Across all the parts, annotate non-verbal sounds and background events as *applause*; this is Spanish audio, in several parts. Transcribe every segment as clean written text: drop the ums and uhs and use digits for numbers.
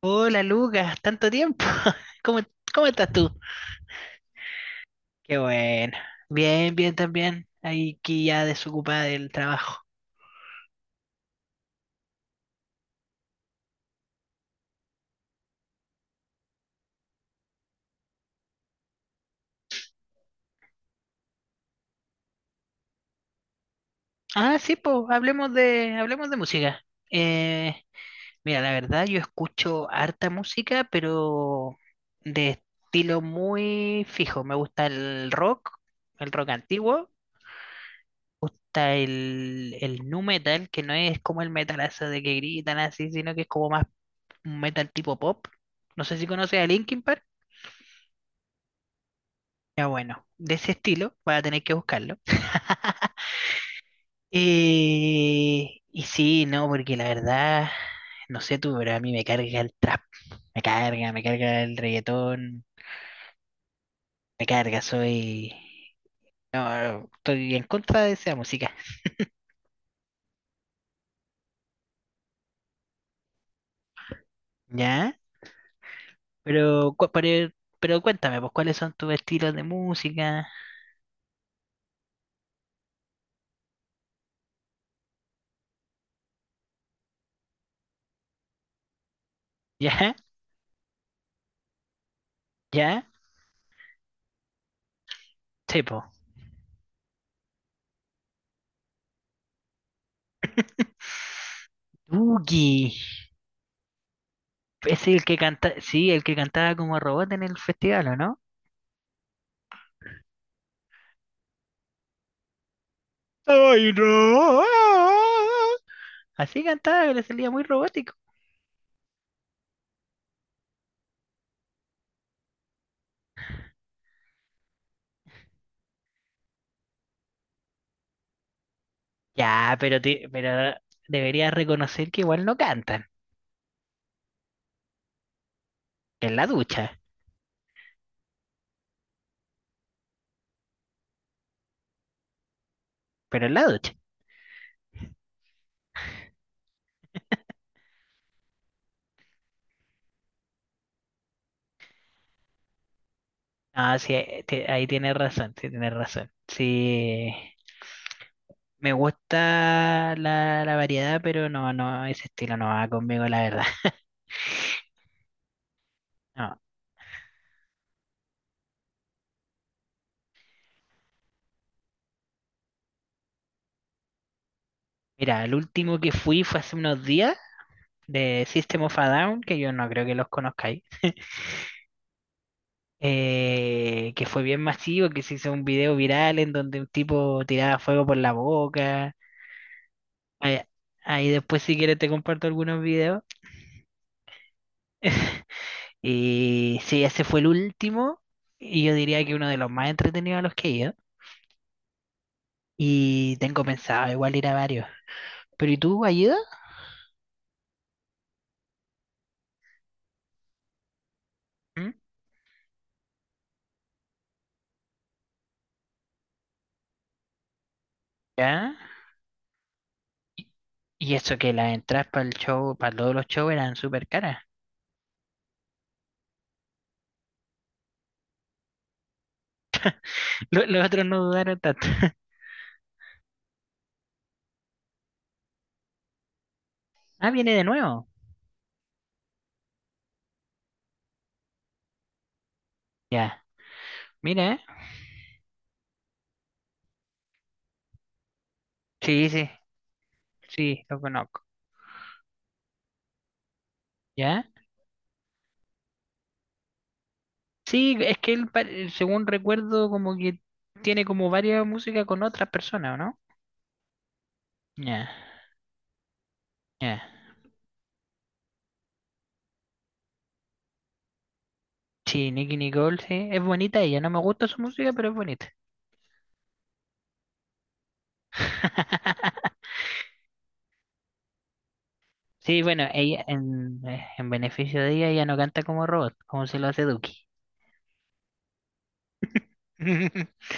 Hola Lucas, tanto tiempo. *laughs* ¿Cómo, cómo estás tú? Qué bueno. Bien, bien también. Aquí ya desocupada del trabajo. Ah, sí, pues, hablemos de música. Eh, mira, la verdad, yo escucho harta música, pero de estilo muy fijo. Me gusta el rock antiguo. Me gusta el nu metal, que no es como el metalazo de que gritan así, sino que es como más un metal tipo pop. No sé si conoces a Linkin Park. Ya bueno, de ese estilo, voy a tener que buscarlo. *laughs* Y sí, no, porque la verdad, no sé tú, pero a mí me carga el trap, me carga el reggaetón, me carga, soy... No, estoy en contra de esa música, ¿ya? Pero, cu- pero, pero cuéntame, pues, ¿cuáles son tus estilos de música? *laughs* ¿Ya? ¿Ya? Sí, po. Duki, es el que canta, sí, el que cantaba como robot en el festival, ¿o no? Ay, no. Así cantaba, le salía muy robótico. Ya, pero deberías reconocer que igual no cantan. En la ducha, pero en la ducha. Ah, sí, ahí tienes razón. Sí, me gusta la variedad, pero no, no, ese estilo no va conmigo, la verdad. No. Mira, el último que fui fue hace unos días de System of a Down, que yo no creo que los conozcáis. Que fue bien masivo, que se hizo un video viral en donde un tipo tiraba fuego por la boca. Ahí, ahí después si quieres te comparto algunos videos. *laughs* Y sí, ese fue el último y yo diría que uno de los más entretenidos a los que he ido. Y tengo pensado igual ir a varios. ¿Pero y tú, has ido? ¿Mm? ¿Ya? Y eso que las entradas para el show, para todos los shows eran súper caras. *laughs* Otros no dudaron tanto. *laughs* Ah, viene de nuevo. Ya, mira, ¿eh? Sí, sí. Sí, lo conozco. ¿Ya? Sí, es que él, según recuerdo, como que tiene como varias músicas con otras personas, ¿o no? Ya, ya. Sí, Nicki Nicole, sí. Es bonita ella. No me gusta su música, pero es bonita. *laughs* Sí, bueno, en beneficio de ella, ella no canta como robot, como se lo hace Duki. *laughs*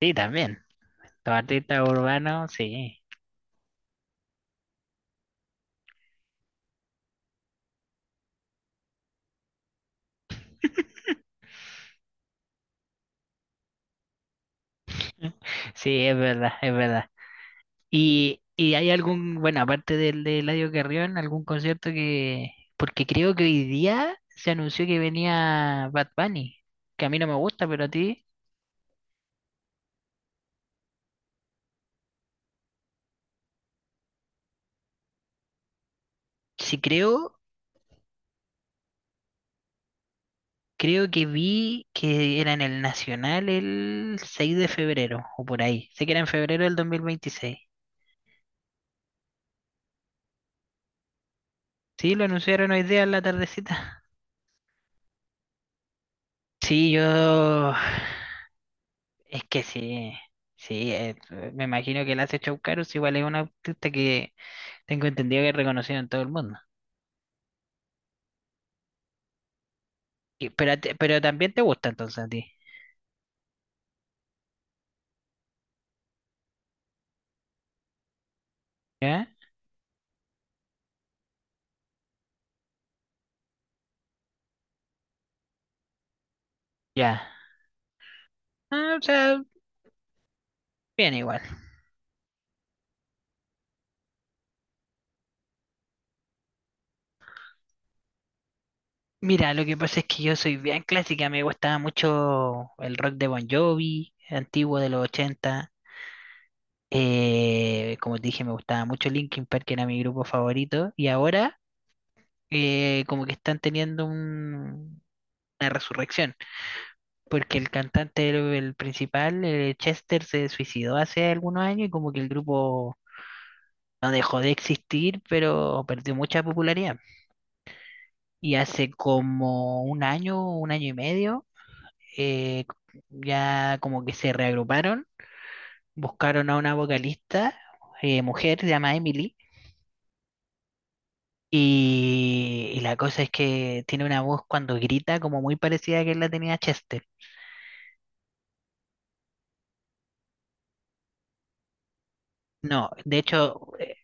Sí, también. Los artistas urbanos, sí. *laughs* Sí, es verdad, es verdad. ¿ hay algún, bueno, aparte del de Eladio Carrión, algún concierto que, porque creo que hoy día se anunció que venía Bad Bunny, que a mí no me gusta, pero a ti, sí creo, creo que vi que era en el Nacional el 6 de febrero, o por ahí, sé que era en febrero del 2026. Sí, lo anunciaron hoy día en la tardecita. *laughs* Sí, yo, es que sí, sí, me imagino que el hace show caros, igual es un artista que tengo entendido que es reconocido en todo el mundo. Pero también te gusta entonces a ti. ¿Ya? Ya. Ah, o sea, bien igual. Mira, lo que pasa es que yo soy bien clásica. Me gustaba mucho el rock de Bon Jovi, antiguo de los 80. Como te dije, me gustaba mucho Linkin Park, que era mi grupo favorito. Y ahora, como que están teniendo una resurrección. Porque el cantante, el principal, Chester, se suicidó hace algunos años y como que el grupo no dejó de existir, pero perdió mucha popularidad. Y hace como un año y medio, eh, ya como que se reagruparon, buscaron a una vocalista, mujer, se llama Emily, y la cosa es que tiene una voz cuando grita como muy parecida a que la tenía Chester. No, de hecho, eh,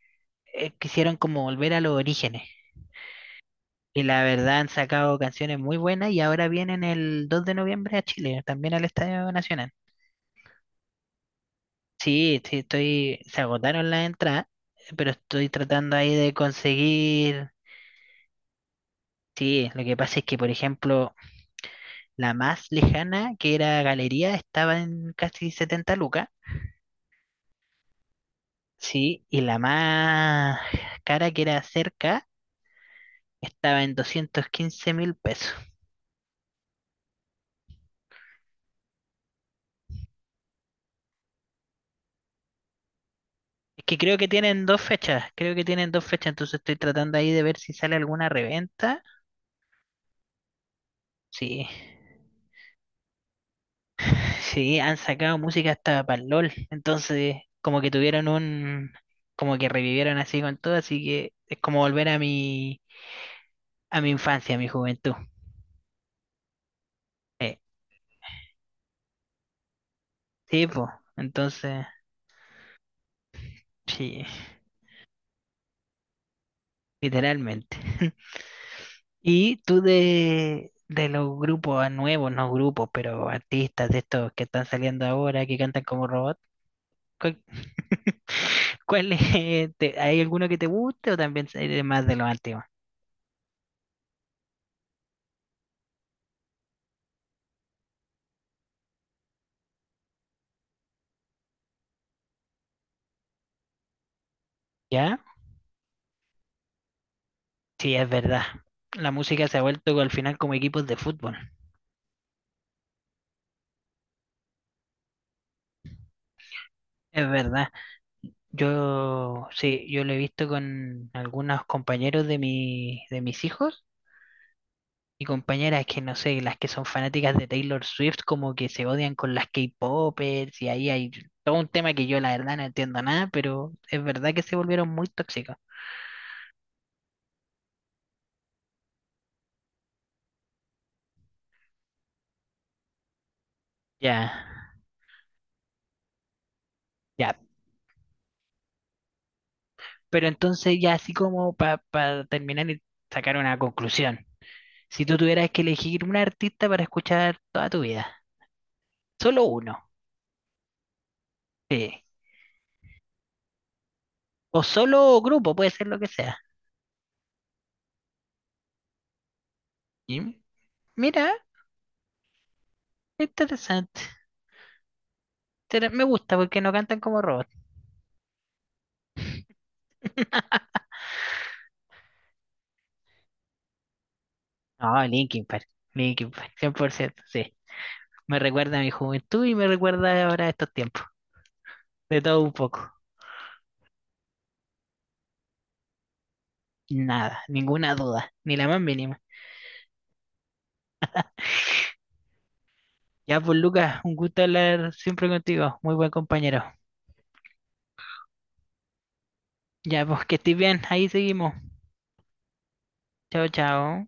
eh, quisieron como volver a los orígenes. Y la verdad han sacado canciones muy buenas y ahora vienen el 2 de noviembre a Chile, también al Estadio Nacional. Sí, sí, estoy, se agotaron las entradas, pero estoy tratando ahí de conseguir. Sí, lo que pasa es que, por ejemplo, la más lejana, que era Galería, estaba en casi 70 lucas, sí, y la más cara, que era cerca, estaba en $215.000. Es que creo que tienen dos fechas, creo que tienen dos fechas, entonces estoy tratando ahí de ver si sale alguna reventa. Sí. Sí, han sacado música hasta para el LOL. Entonces, como que revivieron así con todo, así que es como volver a mi infancia, a mi juventud. Eh, sí, pues, entonces, sí, literalmente. *laughs* Y tú de los grupos nuevos, no grupos, pero artistas de estos que están saliendo ahora, que cantan como robot. ¿Cuál, *laughs* Cuál es, hay alguno que te guste o también eres más de los antiguos? ¿Ya? Sí, es verdad. La música se ha vuelto al final como equipos de fútbol. Es verdad. Yo sí, yo lo he visto con algunos compañeros de de mis hijos y compañeras que no sé, las que son fanáticas de Taylor Swift, como que se odian con las K-popers y ahí hay todo un tema que yo la verdad no entiendo nada, pero es verdad que se volvieron muy tóxicos. Ya, ya. Pero entonces ya así como para terminar y sacar una conclusión. Si tú tuvieras que elegir un artista para escuchar toda tu vida, solo uno, sí. O solo grupo, puede ser lo que sea. Y mira, interesante. Me gusta porque no cantan como robots. *laughs* No, Linkin Park, 100%, sí. Me recuerda a mi juventud y me recuerda ahora a estos tiempos. De todo un poco. Nada, ninguna duda, ni la más mínima. Ya pues Lucas, un gusto hablar siempre contigo. Muy buen compañero. Ya pues que estés bien, ahí seguimos. Chao, chao.